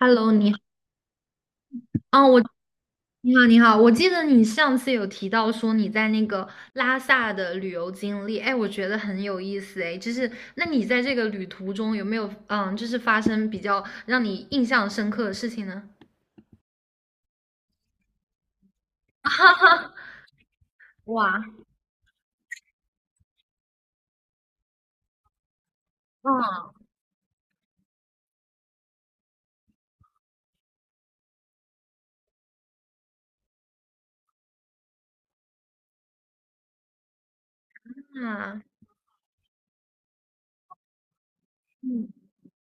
Hello，你好，嗯，我你好，你好，我记得你上次有提到说你在那个拉萨的旅游经历，哎，我觉得很有意思，哎，就是那你在这个旅途中有没有，就是发生比较让你印象深刻的事情呢？哈哈，哇，嗯啊，嗯嗯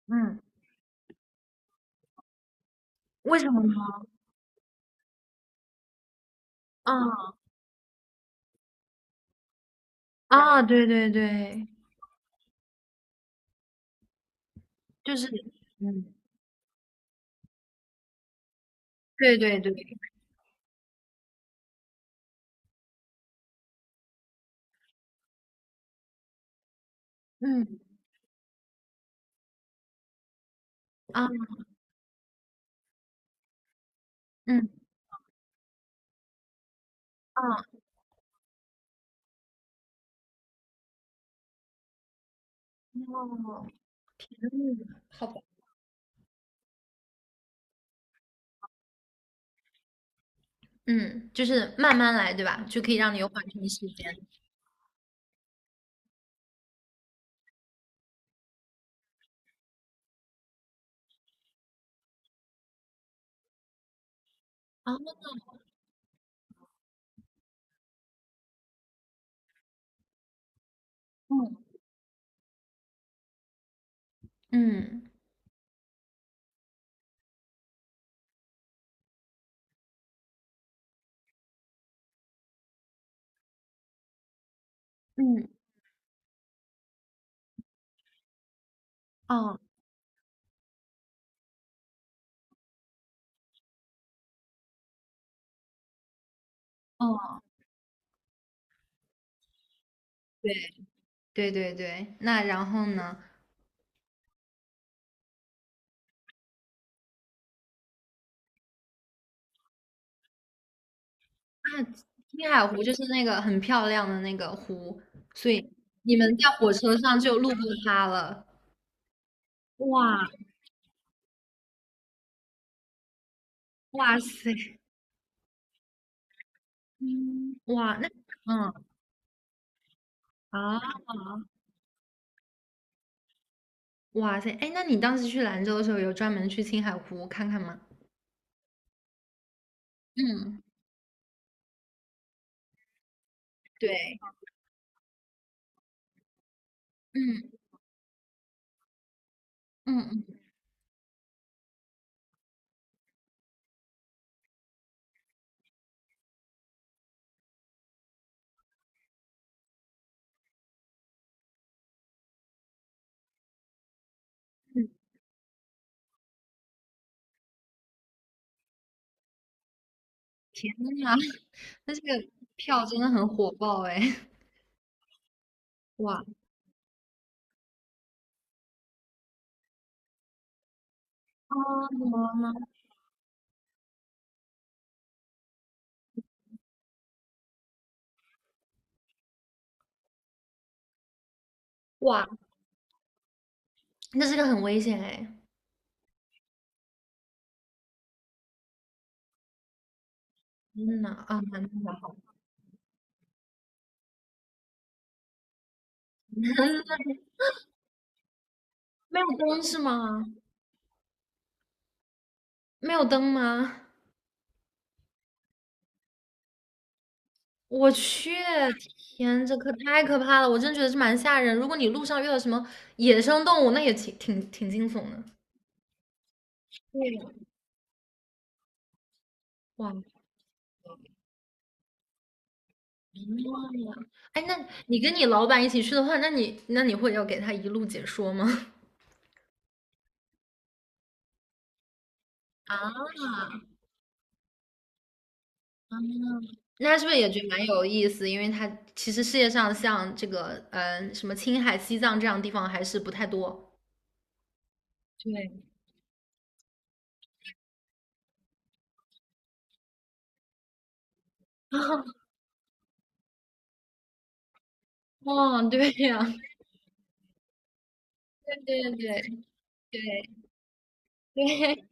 嗯，为什么呢？嗯啊，对对对，就是嗯，对对对，嗯啊嗯啊，哦，嗯，好嗯，就是慢慢来，对吧？就可以让你有缓冲时间。啊，嗯嗯嗯，哦哦，对对对对。那然后呢？那青海湖就是那个很漂亮的那个湖，所以你们在火车上就路过它了。哇哇塞，嗯哇那嗯啊哇塞，哎，那你当时去兰州的时候，有专门去青海湖看看吗？嗯，对，嗯嗯嗯，天呐！那这个票真的很火爆哎！哇啊，怎么了呢？哇，那这个很危险哎！天呐啊，那还好，没有灯是吗？没有灯吗？我去，天，这可太可怕了！我真觉得是蛮吓人。如果你路上遇到什么野生动物，那也挺惊悚的。对呀，哇，嗯哎，那你跟你老板一起去的话，那你会要给他一路解说吗？啊，嗯，那是不是也觉得蛮有意思？因为他其实世界上像这个，什么青海、西藏这样的地方还是不太多。对，哦，对呀、对对对对对，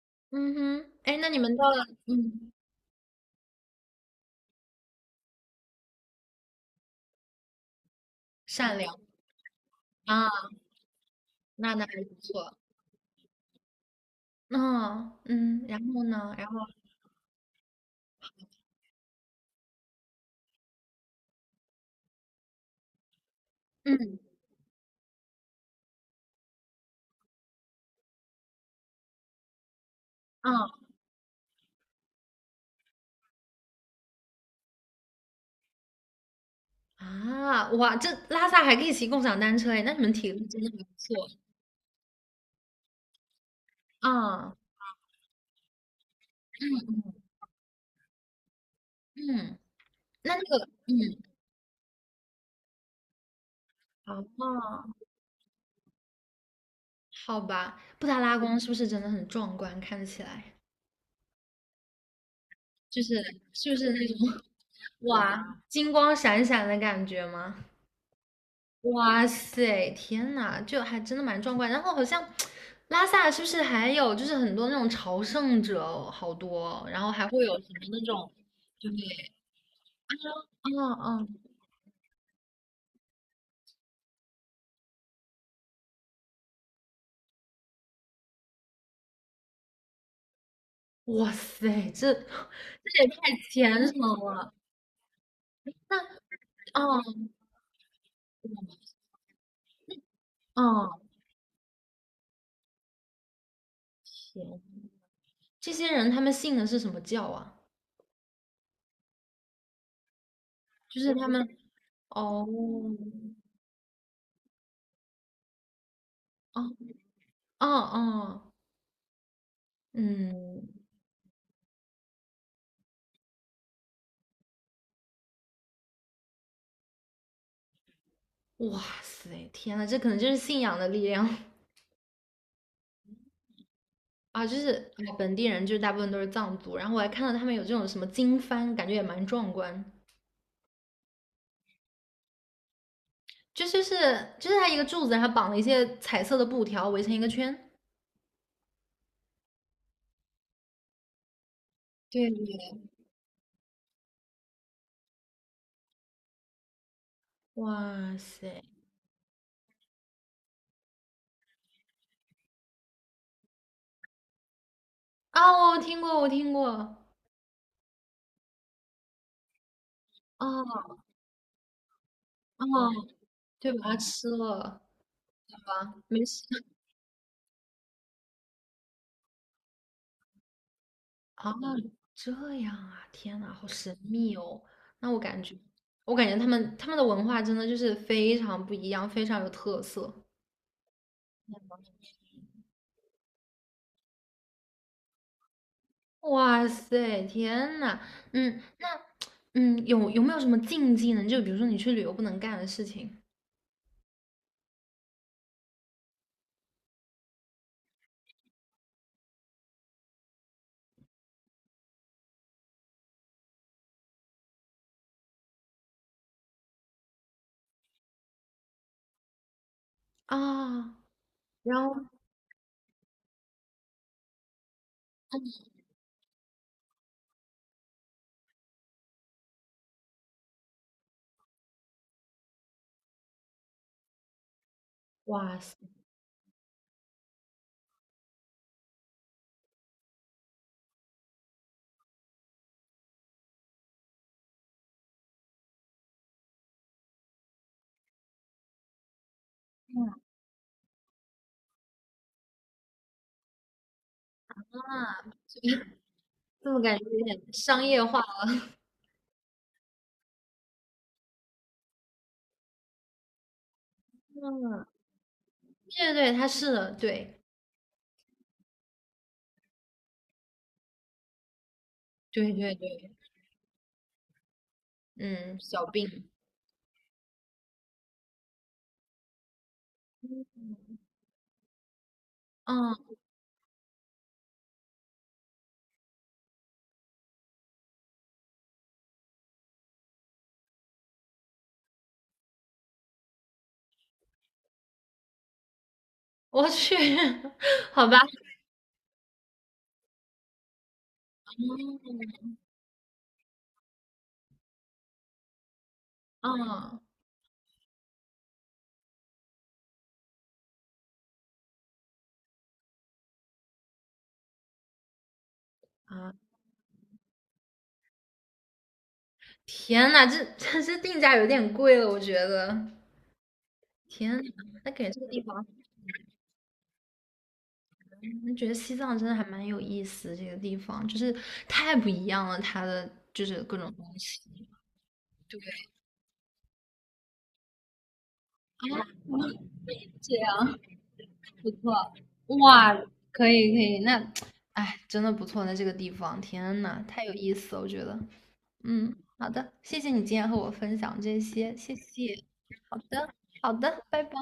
嗯哼，哎，那你们到了，嗯，善良啊，那那还不错。嗯嗯，然后呢？然后嗯啊啊，哇，这拉萨还可以骑共享单车哎，那你们体力真的还不错啊。嗯嗯嗯，那那个嗯，哦好吧，布达拉宫是不是真的很壮观？看起来就是是不是那种 哇金光闪闪的感觉吗？哇塞，天呐，就还真的蛮壮观。然后好像拉萨是不是还有就是很多那种朝圣者哦好多哦然后还会有什么那种，对，嗯嗯，哇塞，这这也太虔诚了。那嗯嗯，天，这些人他们信的是什么教啊？就是他们。哦，哦，哦，哦，嗯，哇塞，天呐，这可能就是信仰的力量 啊！就是哎，本地人就是大部分都是藏族，然后我还看到他们有这种什么经幡，感觉也蛮壮观。就是就是它一个柱子，然后绑了一些彩色的布条围成一个圈。对对，哇塞！啊，我听过，我听过，哦哦，就把它吃了吧，没事。啊，这样啊，天呐，好神秘哦。那我感觉，我感觉他们的文化真的就是非常不一样，非常有特色。哇塞，天呐，嗯，那嗯，有有没有什么禁忌呢？就比如说你去旅游不能干的事情啊，然后哇塞，这么感觉有点商业化嗯，对对对，他是的，对对对对，嗯，小病，嗯，我去，好吧。嗯哦啊，天呐，这定价有点贵了，我觉得。天呐，那感觉这个地方，那觉得西藏真的还蛮有意思。这个地方就是太不一样了，它的就是各种东西。对啊，这样不错，哇，可以可以，那哎，真的不错。那这个地方，天呐，太有意思了，我觉得。嗯，好的，谢谢你今天和我分享这些，谢谢。好的，好的，拜拜。